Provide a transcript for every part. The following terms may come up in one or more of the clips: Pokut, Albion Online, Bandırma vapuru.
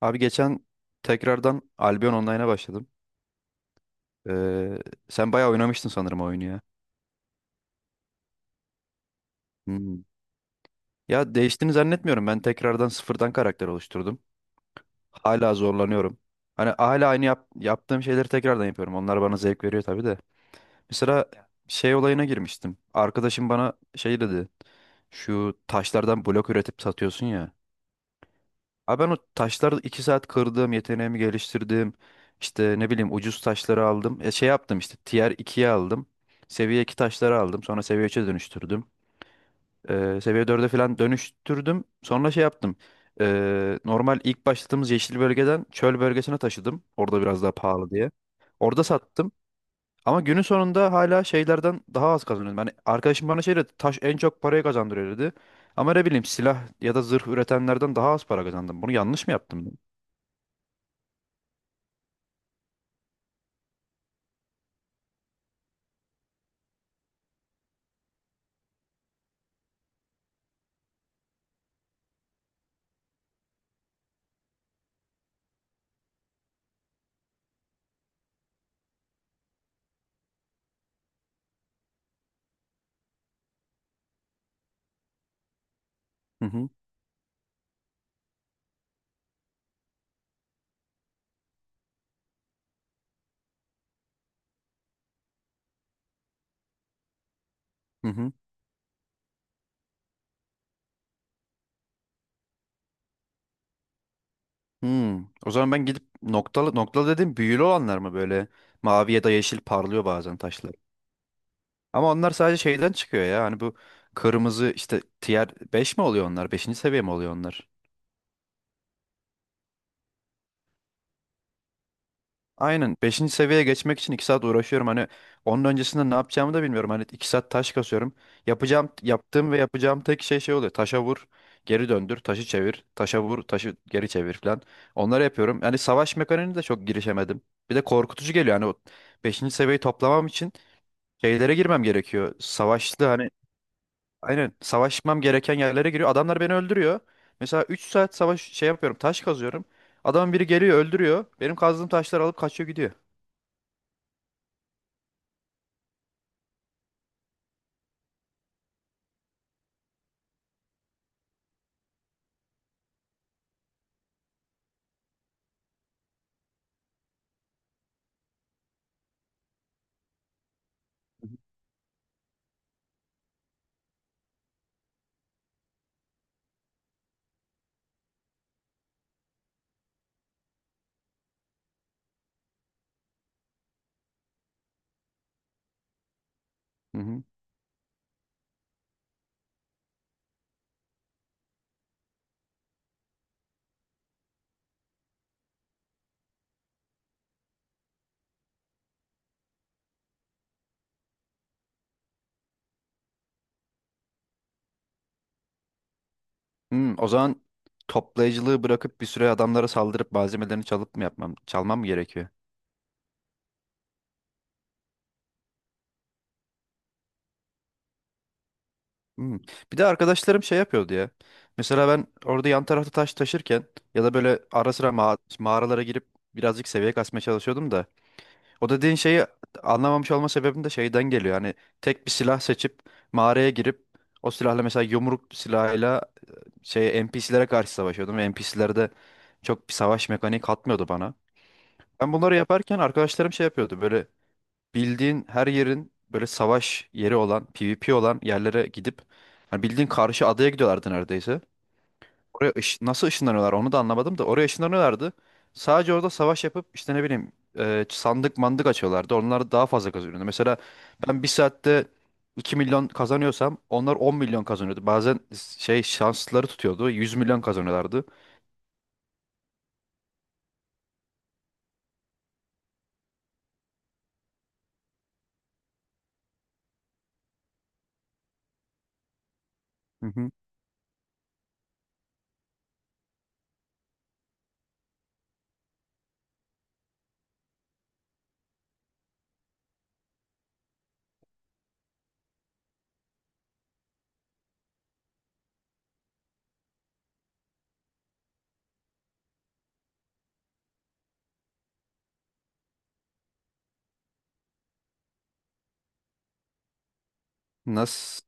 Abi geçen tekrardan Albion Online'a başladım. Ee, Sen bayağı oynamıştın sanırım o oyunu ya. Hmm. Ya değiştiğini zannetmiyorum. Ben tekrardan sıfırdan karakter oluşturdum. Hala zorlanıyorum. Hani hala aynı yaptığım şeyleri tekrardan yapıyorum. Onlar bana zevk veriyor tabii de. Mesela şey olayına girmiştim. Arkadaşım bana şey dedi. Şu taşlardan blok üretip satıyorsun ya. Abi ben o taşları 2 saat kırdım, yeteneğimi geliştirdim. İşte ne bileyim ucuz taşları aldım. Şey yaptım işte tier ikiye aldım. Seviye 2 taşları aldım. Sonra seviye üç'e dönüştürdüm. Seviye dörde falan dönüştürdüm. Sonra şey yaptım. Normal ilk başladığımız yeşil bölgeden çöl bölgesine taşıdım. Orada biraz daha pahalı diye. Orada sattım. Ama günün sonunda hala şeylerden daha az kazanıyordum. Yani arkadaşım bana şey dedi, taş en çok parayı kazandırıyor dedi. Ama ne bileyim silah ya da zırh üretenlerden daha az para kazandım. Bunu yanlış mı yaptım? Hı hı. Hı hı. Hmm. O zaman ben gidip noktalı noktalı dedim, büyülü olanlar mı böyle mavi ya da yeşil parlıyor bazen taşlar. Ama onlar sadece şeyden çıkıyor ya. Hani bu kırmızı işte tier 5 mi oluyor onlar? Beşinci seviye mi oluyor onlar? Aynen. Beşinci seviyeye geçmek için 2 saat uğraşıyorum. Hani onun öncesinde ne yapacağımı da bilmiyorum. Hani 2 saat taş kasıyorum. Yapacağım, yaptığım ve yapacağım tek şey şey oluyor. Taşa vur, geri döndür, taşı çevir, taşa vur, taşı geri çevir falan. Onları yapıyorum. Yani savaş mekaniğine de çok girişemedim. Bir de korkutucu geliyor. Hani o 5. seviyeyi toplamam için şeylere girmem gerekiyor. Savaşlı hani aynen savaşmam gereken yerlere giriyor. Adamlar beni öldürüyor. Mesela 3 saat savaş şey yapıyorum. Taş kazıyorum. Adamın biri geliyor öldürüyor. Benim kazdığım taşları alıp kaçıyor gidiyor. Hı hı. O zaman toplayıcılığı bırakıp bir süre adamlara saldırıp malzemelerini çalıp mı yapmam, çalmam mı gerekiyor? Hmm. Bir de arkadaşlarım şey yapıyordu ya. Mesela ben orada yan tarafta taş taşırken ya da böyle ara sıra mağaralara girip birazcık seviye kasmaya çalışıyordum da. O dediğin şeyi anlamamış olma sebebim de şeyden geliyor. Hani tek bir silah seçip mağaraya girip o silahla, mesela yumruk silahıyla, şey NPC'lere karşı savaşıyordum ve N P C'ler de çok bir savaş mekaniği katmıyordu bana. Ben bunları yaparken arkadaşlarım şey yapıyordu. Böyle bildiğin her yerin böyle savaş yeri olan, PvP olan yerlere gidip hani bildiğin karşı adaya gidiyorlardı neredeyse. Oraya nasıl ışınlanıyorlar onu da anlamadım da oraya ışınlanıyorlardı. Sadece orada savaş yapıp işte ne bileyim sandık mandık açıyorlardı. Onlar daha fazla kazanıyordu. Mesela ben 1 saatte 2 milyon kazanıyorsam onlar 10 milyon kazanıyordu. Bazen şey şansları tutuyordu, 100 milyon kazanıyorlardı. Hı hı. Nasıl?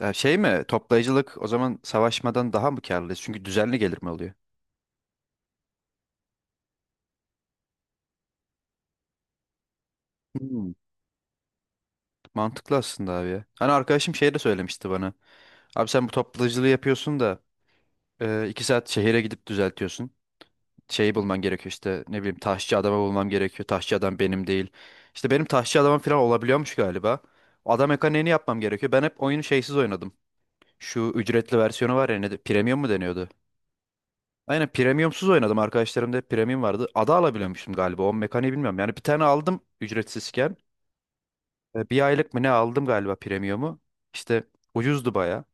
Ya şey mi? Toplayıcılık o zaman savaşmadan daha mı karlı? Çünkü düzenli gelir mi oluyor? Hmm, Mantıklı aslında abi ya. Hani arkadaşım şey de söylemişti bana. Abi sen bu toplayıcılığı yapıyorsun da 2 saat şehire gidip düzeltiyorsun. Şeyi bulman gerekiyor, işte ne bileyim taşçı adamı bulmam gerekiyor. Taşçı adam benim değil. İşte benim taşçı adamım falan olabiliyormuş galiba. O adam mekaniğini yapmam gerekiyor. Ben hep oyunu şeysiz oynadım. Şu ücretli versiyonu var ya, ne de, premium mu deniyordu? Aynen, premiumsuz oynadım. Arkadaşlarımda hep premium vardı. Ada alabiliyormuşum galiba. O mekaniği bilmiyorum. Yani bir tane aldım ücretsizken. E, bir aylık mı ne aldım galiba premiumu. İşte ucuzdu baya.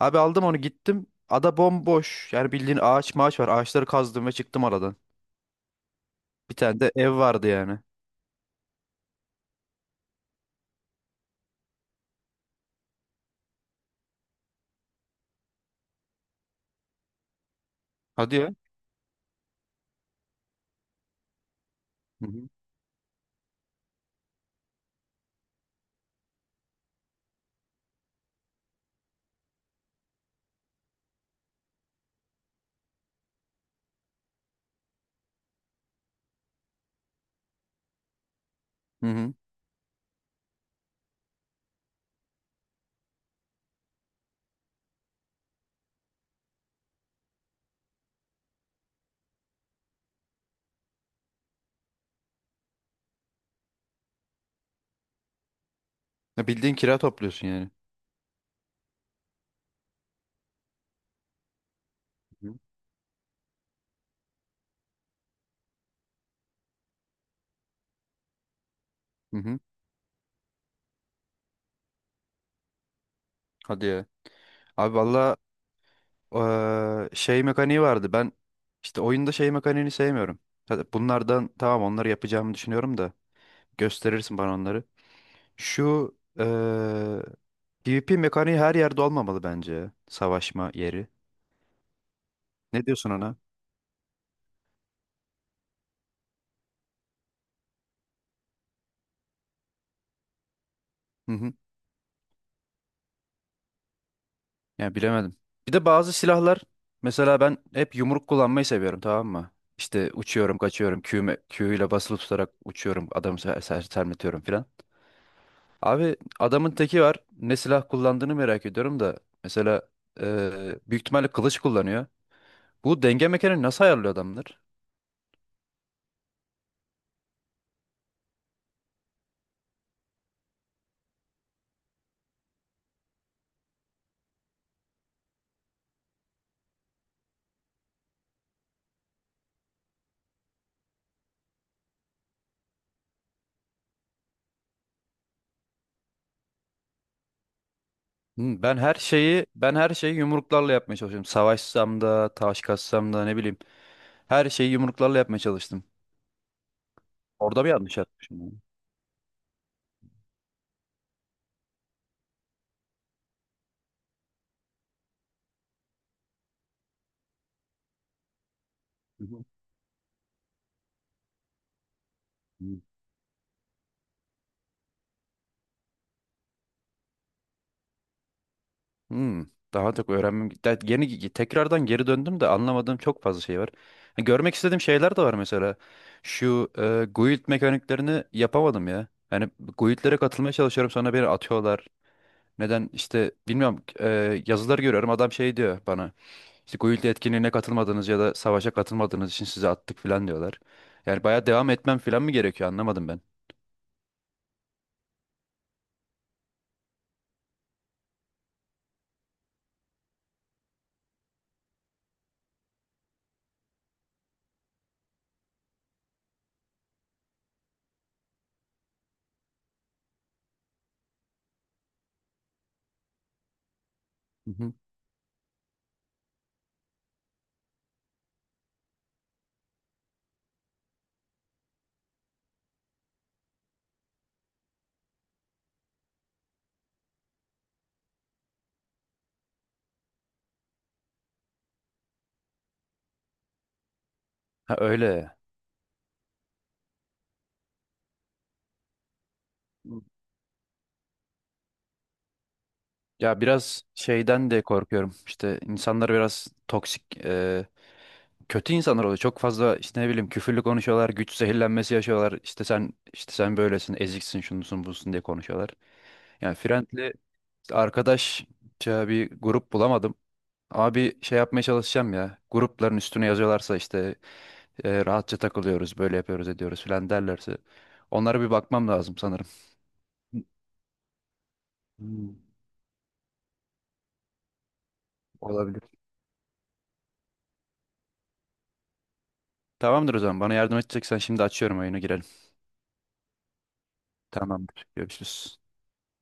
Abi aldım onu gittim. Ada bomboş. Yani bildiğin ağaç maaş var. Ağaçları kazdım ve çıktım aradan. Bir tane de ev vardı yani. Hadi ya. Hı hı. Hı hı. Ya bildiğin kira topluyorsun yani. Hı hı. Hı hı. Hadi ya. Abi valla şey mekaniği vardı. Ben işte oyunda şey mekaniğini sevmiyorum. Hadi bunlardan tamam, onları yapacağımı düşünüyorum da. Gösterirsin bana onları. Şu PvP mekaniği her yerde olmamalı bence. Ya, savaşma yeri. Ne diyorsun ona? Hı hı. Yani bilemedim. Bir de bazı silahlar, mesela ben hep yumruk kullanmayı seviyorum, tamam mı? İşte uçuyorum, kaçıyorum, Q ile basılı tutarak uçuyorum, adamı sermetiyorum filan. Abi adamın teki var. Ne silah kullandığını merak ediyorum da mesela büyük ihtimalle kılıç kullanıyor. Bu denge mekanı nasıl ayarlıyor adamlar? Ben her şeyi yumruklarla yapmaya çalışıyorum. Savaşsam da, taş kassam da ne bileyim. Her şeyi yumruklarla yapmaya çalıştım. Orada bir yanlış yapmışım yani. Hı hı. Hmm, Daha çok öğrenmem. Yeni tekrardan geri döndüm de anlamadığım çok fazla şey var. Ha, görmek istediğim şeyler de var mesela. Şu guild mekaniklerini yapamadım ya. Yani guildlere katılmaya çalışıyorum sonra beni atıyorlar. Neden işte bilmiyorum, yazılar görüyorum, adam şey diyor bana. İşte guild etkinliğine katılmadınız ya da savaşa katılmadığınız için sizi attık falan diyorlar. Yani bayağı devam etmem falan mı gerekiyor, anlamadım ben. Hı hı. Ha öyle. Ya biraz şeyden de korkuyorum. İşte insanlar biraz toksik, kötü insanlar oluyor. Çok fazla işte ne bileyim küfürlü konuşuyorlar, güç zehirlenmesi yaşıyorlar. İşte sen, işte sen böylesin, eziksin, şunusun, busun diye konuşuyorlar. Yani friendly, arkadaşça bir grup bulamadım. Ama bir şey yapmaya çalışacağım ya. Grupların üstüne yazıyorlarsa işte rahatça takılıyoruz, böyle yapıyoruz, ediyoruz falan derlerse onlara bir bakmam lazım sanırım. Hmm. Olabilir. Tamamdır o zaman. Bana yardım edeceksen şimdi açıyorum oyunu, girelim. Tamamdır. Görüşürüz.